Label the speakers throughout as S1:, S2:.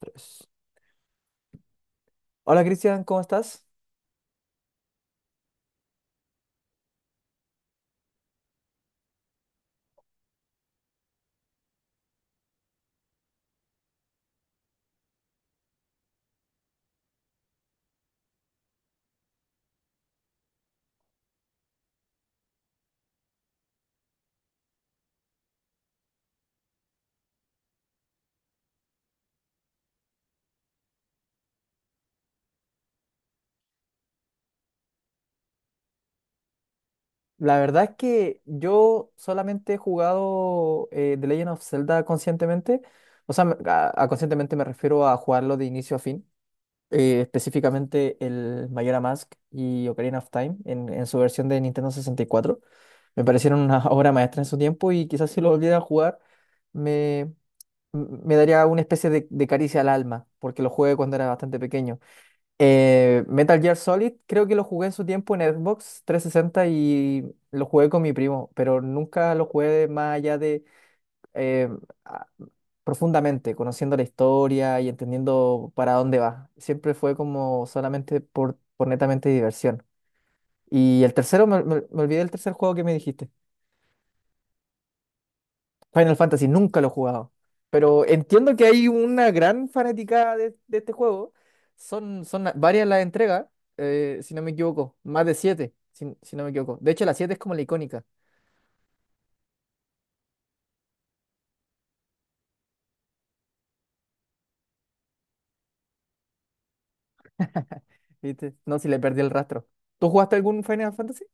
S1: Tres. Hola Cristian, ¿cómo estás? La verdad es que yo solamente he jugado The Legend of Zelda conscientemente. O sea, a conscientemente me refiero a jugarlo de inicio a fin. Específicamente el Majora's Mask y Ocarina of Time en su versión de Nintendo 64. Me parecieron una obra maestra en su tiempo y quizás si lo volviera a jugar me, me daría una especie de caricia al alma porque lo jugué cuando era bastante pequeño. Metal Gear Solid, creo que lo jugué en su tiempo en Xbox 360 y lo jugué con mi primo, pero nunca lo jugué más allá de eh, a- profundamente, conociendo la historia y entendiendo para dónde va. Siempre fue como solamente por netamente diversión. Y el tercero, me olvidé del tercer juego que me dijiste. Final Fantasy nunca lo he jugado, pero entiendo que hay una gran fanaticada de este juego. Son, son varias las entregas, si no me equivoco, más de siete, si, si no me equivoco. De hecho, la siete es como la icónica, ¿viste? No, si le perdí el rastro. ¿Tú jugaste algún Final Fantasy?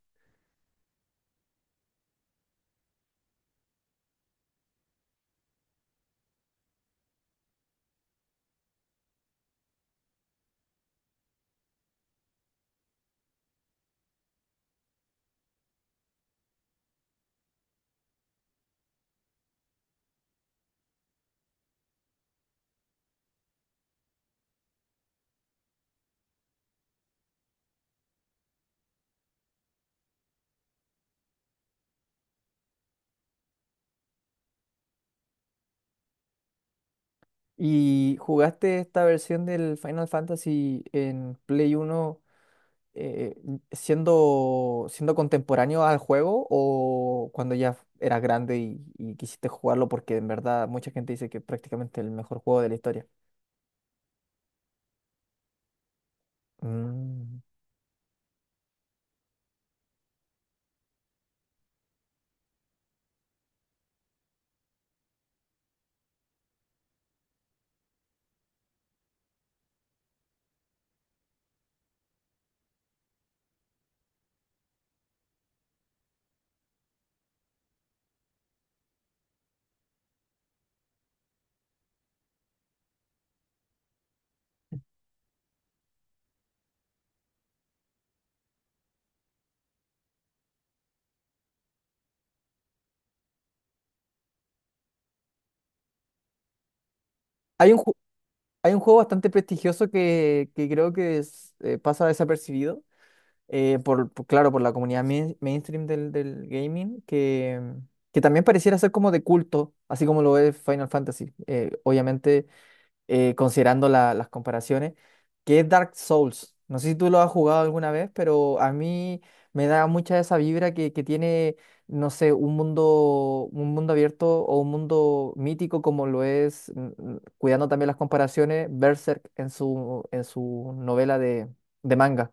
S1: ¿Y jugaste esta versión del Final Fantasy en Play Uno, eh, siendo, siendo contemporáneo al juego o cuando ya eras grande y quisiste jugarlo porque en verdad mucha gente dice que es prácticamente el mejor juego de la historia? Mm. Hay un, ju- Hay un juego bastante prestigioso que creo que es, pasa desapercibido, claro, por la comunidad mainstream del, del gaming, que también pareciera ser como de culto, así como lo es Final Fantasy. Obviamente considerando las comparaciones, que es Dark Souls. No sé si tú lo has jugado alguna vez, pero a mí me da mucha esa vibra que tiene, no sé, un mundo abierto o un mundo mítico como lo es, cuidando también las comparaciones, Berserk en su novela de manga.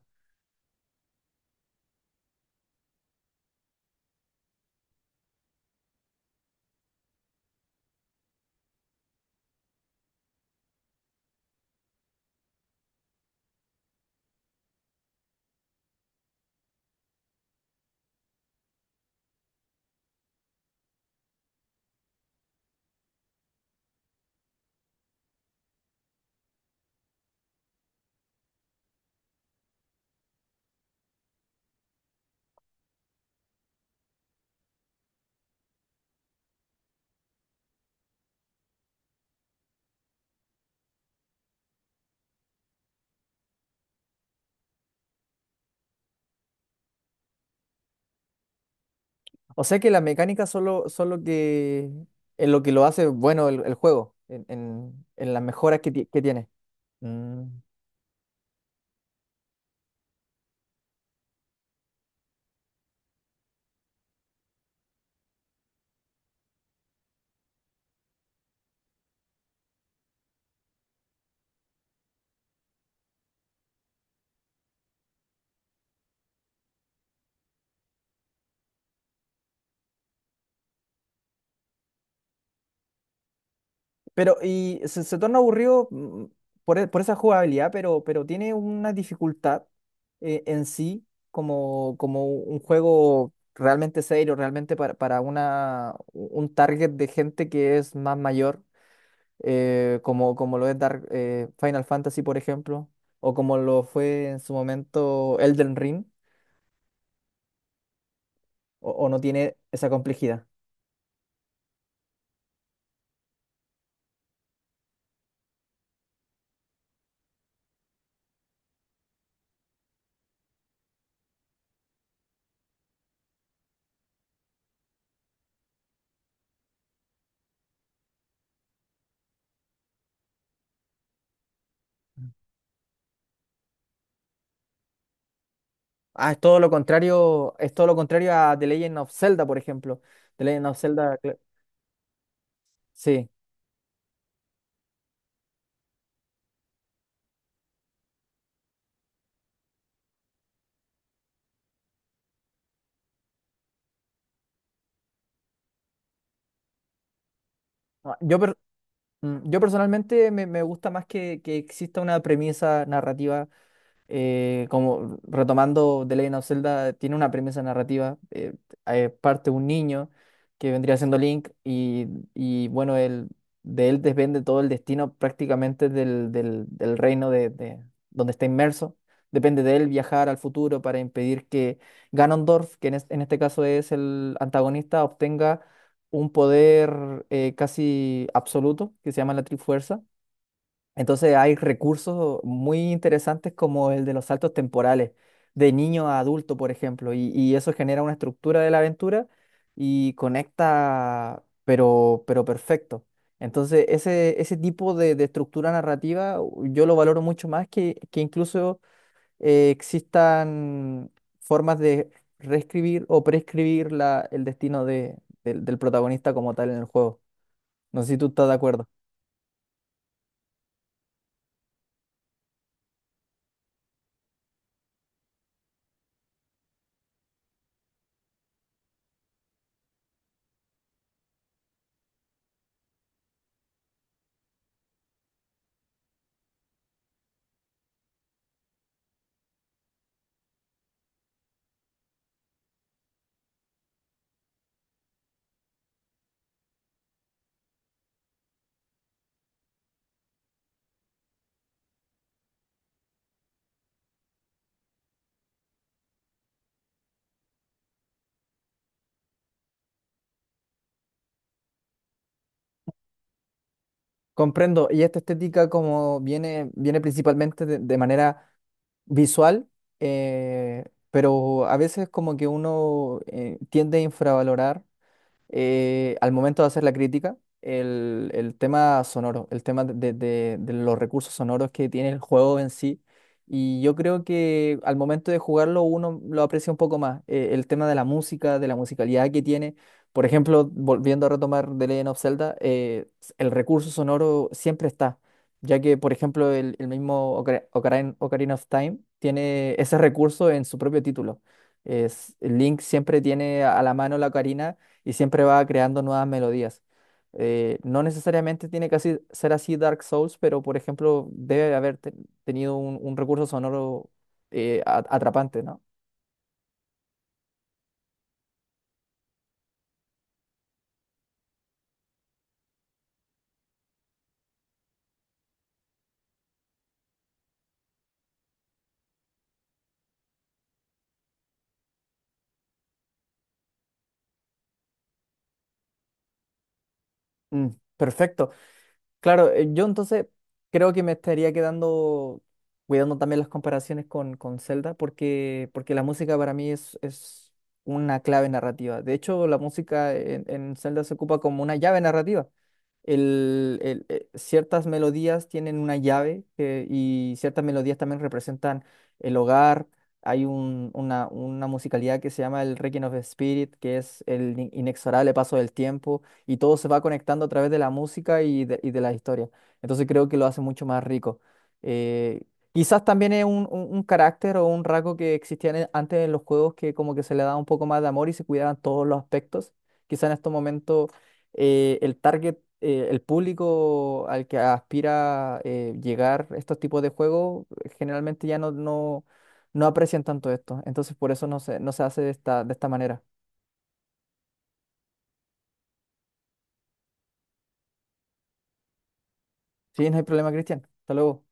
S1: O sea que las mecánicas solo que es lo que lo hace bueno el juego, en, en las mejoras que, que tiene. Mm. Pero y se torna aburrido por, por esa jugabilidad, pero tiene una dificultad en sí como, como un juego realmente serio, realmente para una, un target de gente que es más mayor, como, como lo es Final Fantasy, por ejemplo, o como lo fue en su momento Elden Ring, o no tiene esa complejidad. Ah, es todo lo contrario, es todo lo contrario a The Legend of Zelda, por ejemplo. The Legend of Zelda, sí. Ah, Yo, per- yo personalmente me gusta más que exista una premisa narrativa como retomando The Legend of Zelda, tiene una premisa narrativa. Parte un niño que vendría siendo Link y, bueno, él, de él depende todo el destino prácticamente del, del reino de, donde está inmerso. Depende de él viajar al futuro para impedir que Ganondorf, que en, en este caso es el antagonista, obtenga un poder casi absoluto que se llama la Trifuerza, entonces hay recursos muy interesantes como el de los saltos temporales, de niño a adulto, por ejemplo, y eso genera una estructura de la aventura y conecta, pero perfecto. Entonces ese tipo de estructura narrativa yo lo valoro mucho más que incluso existan formas de reescribir o prescribir la, el destino del del protagonista como tal en el juego. No sé si tú estás de acuerdo. Comprendo, y esta estética como viene, viene principalmente de manera visual, eh, pero a veces como que uno tiende a infravalorar al momento de hacer la crítica, el tema sonoro, el tema de, de los recursos sonoros que tiene el juego en sí. Y yo creo que al momento de jugarlo uno lo aprecia un poco más. El tema de la música, de la musicalidad que tiene. Por ejemplo, volviendo a retomar The Legend of Zelda, el recurso sonoro siempre está, ya que, por ejemplo, el mismo Ocarina of Time tiene ese recurso en su propio título. Es, Link siempre tiene a la mano la ocarina y siempre va creando nuevas melodías. No necesariamente tiene que ser así Dark Souls, pero por ejemplo debe haber tenido un recurso sonoro atrapante, ¿no? Mm, perfecto. Claro, yo entonces creo que me estaría quedando cuidando también las comparaciones con Zelda, porque, porque la música para mí es una clave narrativa. De hecho, la música en Zelda se ocupa como una llave narrativa. Ciertas melodías tienen una llave y ciertas melodías también representan el hogar. Una musicalidad que se llama el Requiem of Spirit, que es el inexorable paso del tiempo y todo se va conectando a través de la música y de las historias. Entonces creo que lo hace mucho más rico. Eh, quizás también es un, un carácter o un rasgo que existía antes en los juegos que como que se le daba un poco más de amor y se cuidaban todos los aspectos. Quizás en estos momentos el target, el público al que aspira llegar estos tipos de juegos, generalmente ya no aprecian tanto esto. Entonces por eso no se hace de esta manera. Sí, no hay problema, Cristian. Hasta luego.